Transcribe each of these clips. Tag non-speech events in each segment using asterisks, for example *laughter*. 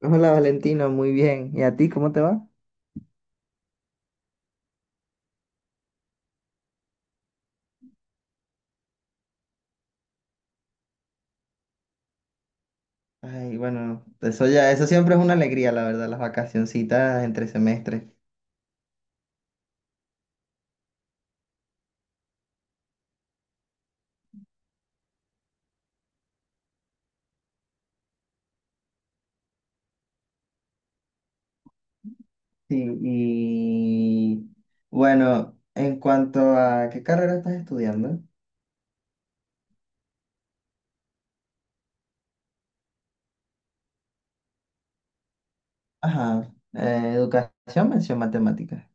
Hola Valentino, muy bien. ¿Y a ti cómo te va? Ay, bueno, eso ya, eso siempre es una alegría, la verdad, las vacacioncitas entre semestres. Sí, y bueno, en cuanto a qué carrera estás estudiando, ajá, educación, mención matemática.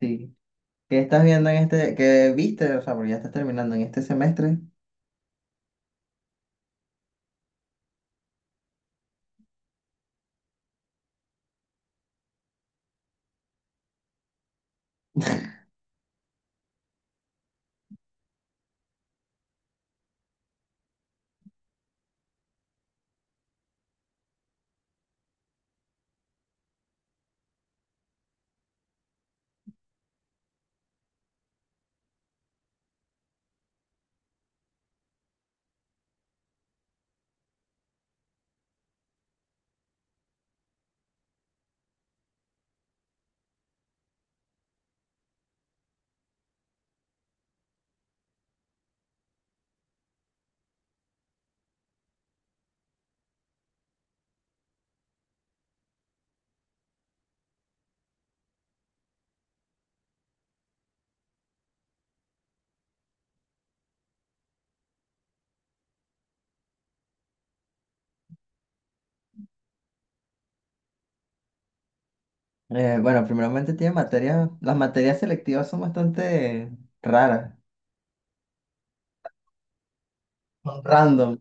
Sí. ¿Qué estás viendo en este, qué viste, o sea, porque ya estás terminando en este semestre? Bueno, primeramente tiene materias, las materias selectivas son bastante raras, son random.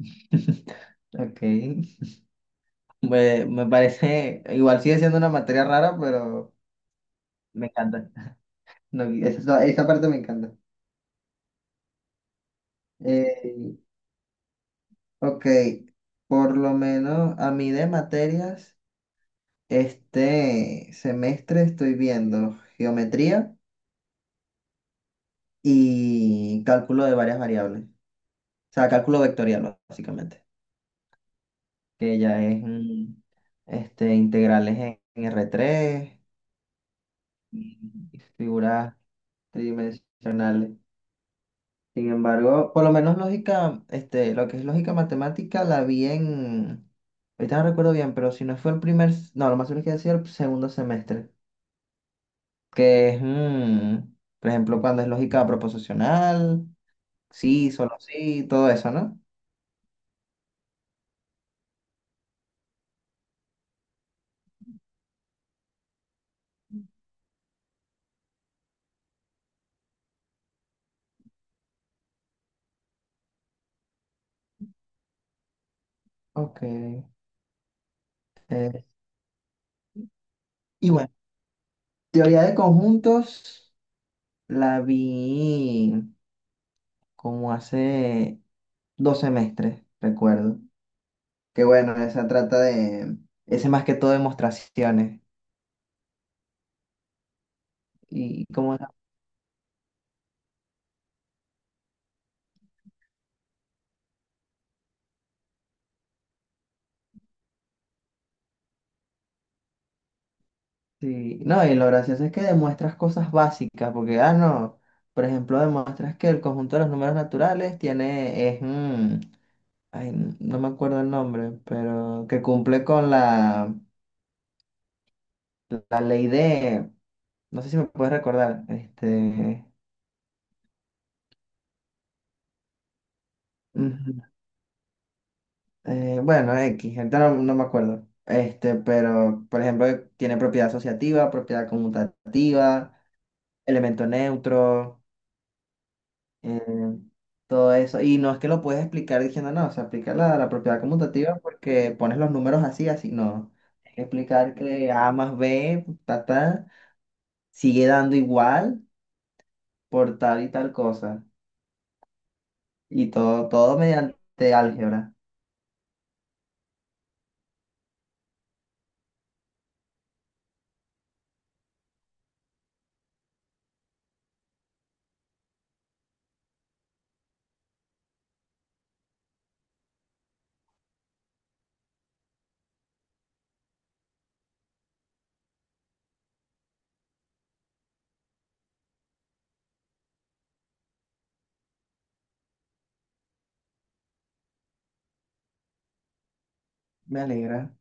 *laughs* Ok. Me parece, igual sigue siendo una materia rara, pero me encanta. No, esa parte me encanta. Eh, ok, por lo menos a mí de materias, este semestre estoy viendo geometría y cálculo de varias variables. O sea, cálculo vectorial, básicamente, que ya es este, integrales en r tres y figuras tridimensionales. Sin embargo, por lo menos lógica, este, lo que es lógica matemática la vi en, ahorita no recuerdo bien, pero si no fue el primer, no, lo más seguro es que decía el segundo semestre, que es, por ejemplo, cuando es lógica proposicional, sí, solo sí, todo eso, ¿no? Ok. Y bueno, teoría de conjuntos la vi como hace dos semestres, recuerdo. Que bueno, esa trata de, ese más que todo demostraciones. Y como, sí, no, y lo gracioso es que demuestras cosas básicas, porque, ah, no, por ejemplo, demuestras que el conjunto de los números naturales tiene, es, ay, no me acuerdo el nombre, pero que cumple con la, la ley de, no sé si me puedes recordar, este, ujú, bueno, X, ahorita no, no me acuerdo, este, pero, por ejemplo, tiene propiedad asociativa, propiedad conmutativa, elemento neutro. eh, todo eso. Y no es que lo puedes explicar diciendo, no, o sea, aplica la, la propiedad conmutativa porque pones los números así, así, no. Hay que explicar que A más B, ta, ta, sigue dando igual por tal y tal cosa. Y todo, todo mediante álgebra. Me alegra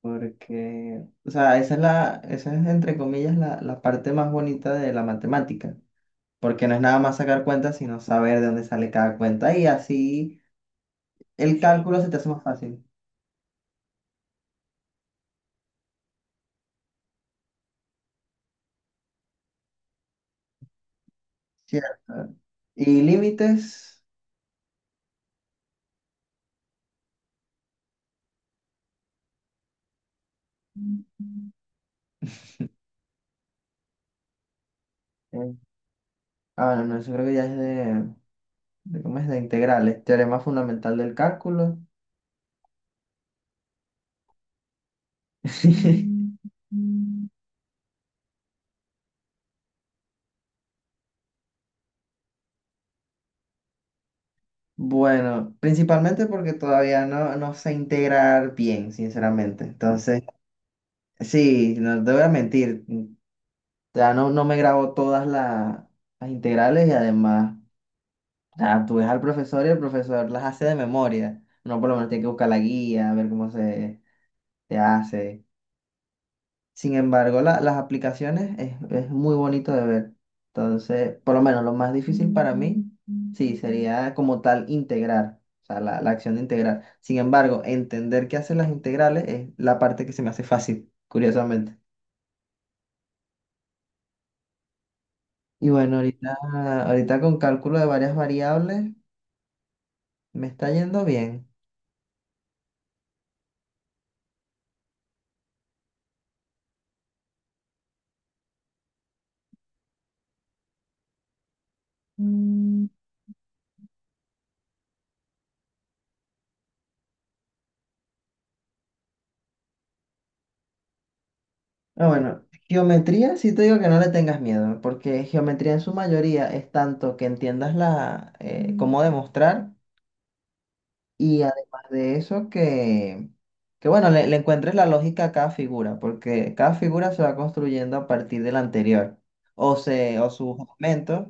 porque, o sea, esa es la, esa es entre comillas la, la parte más bonita de la matemática. Porque no es nada más sacar cuentas, sino saber de dónde sale cada cuenta y así el cálculo se te hace más fácil. Cierto. Y límites. eh, ah, no, no, eso creo que ya es de ¿cómo es? De integrales. Teorema fundamental del cálculo. *laughs* Bueno, principalmente porque todavía no, no sé integrar bien, sinceramente. Entonces, sí, no te voy a mentir. Ya no, no me grabo todas las integrales y además, ya, tú ves al profesor y el profesor las hace de memoria. Uno por lo menos tiene que buscar la guía, ver cómo se, se hace. Sin embargo, la- las aplicaciones es muy bonito de ver. Entonces, por lo menos lo más difícil para mí, sí, sería como tal integrar, o sea, la acción de integrar. Sin embargo, entender qué hacen las integrales es la parte que se me hace fácil, curiosamente. Y bueno, ahorita, ahorita con cálculo de varias variables me está yendo bien. Mm. Ah, bueno, geometría sí te digo que no le tengas miedo, porque geometría en su mayoría es tanto que entiendas la, Mm. cómo demostrar. Y además de eso, que bueno, le encuentres la lógica a cada figura, porque cada figura se va construyendo a partir de la anterior. O, se, o sus aumentos,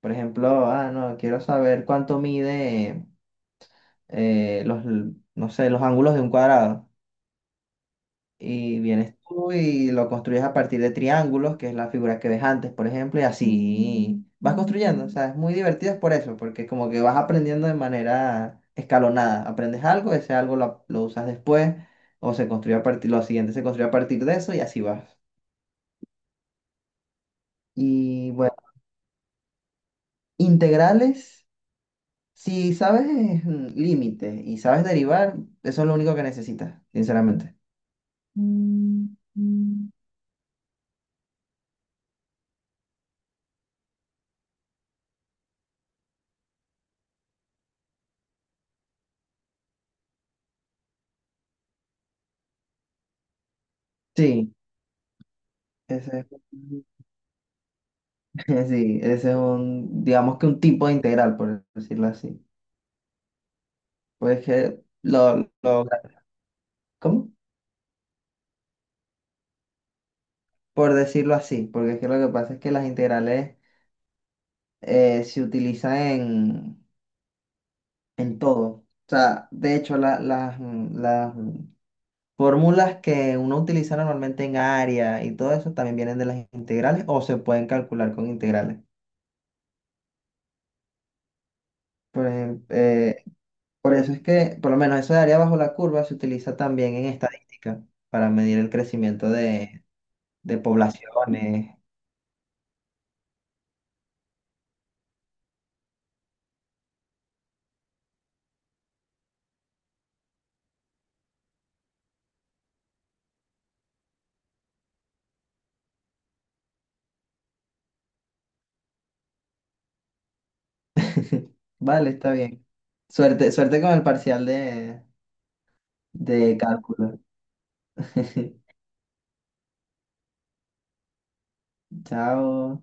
por ejemplo, ah, no, quiero saber cuánto mide los, no sé, los ángulos de un cuadrado. Y vienes tú y lo construyes a partir de triángulos, que es la figura que ves antes, por ejemplo, y así vas construyendo. O sea, es muy divertido es por eso, porque como que vas aprendiendo de manera escalonada. Aprendes algo, ese algo lo usas después, o se construye a partir, lo siguiente se construye a partir de eso y así vas. Y bueno, integrales, si sabes límites y sabes derivar, eso es lo único que necesitas, sinceramente. Mm. Sí, ese es. *laughs* Sí, ese es un, digamos que un tipo de integral, por decirlo así. Pues que lo- ¿cómo? Por decirlo así, porque es que lo que pasa es que las integrales se utilizan en todo. O sea, de hecho, la- las, las fórmulas que uno utiliza normalmente en área y todo eso también vienen de las integrales o se pueden calcular con integrales. Por ejem- eh, por eso es que, por lo menos eso de área bajo la curva se utiliza también en estadística para medir el crecimiento de poblaciones. *laughs* Vale, está bien. Suerte, suerte con el parcial de cálculo. *laughs* Chao.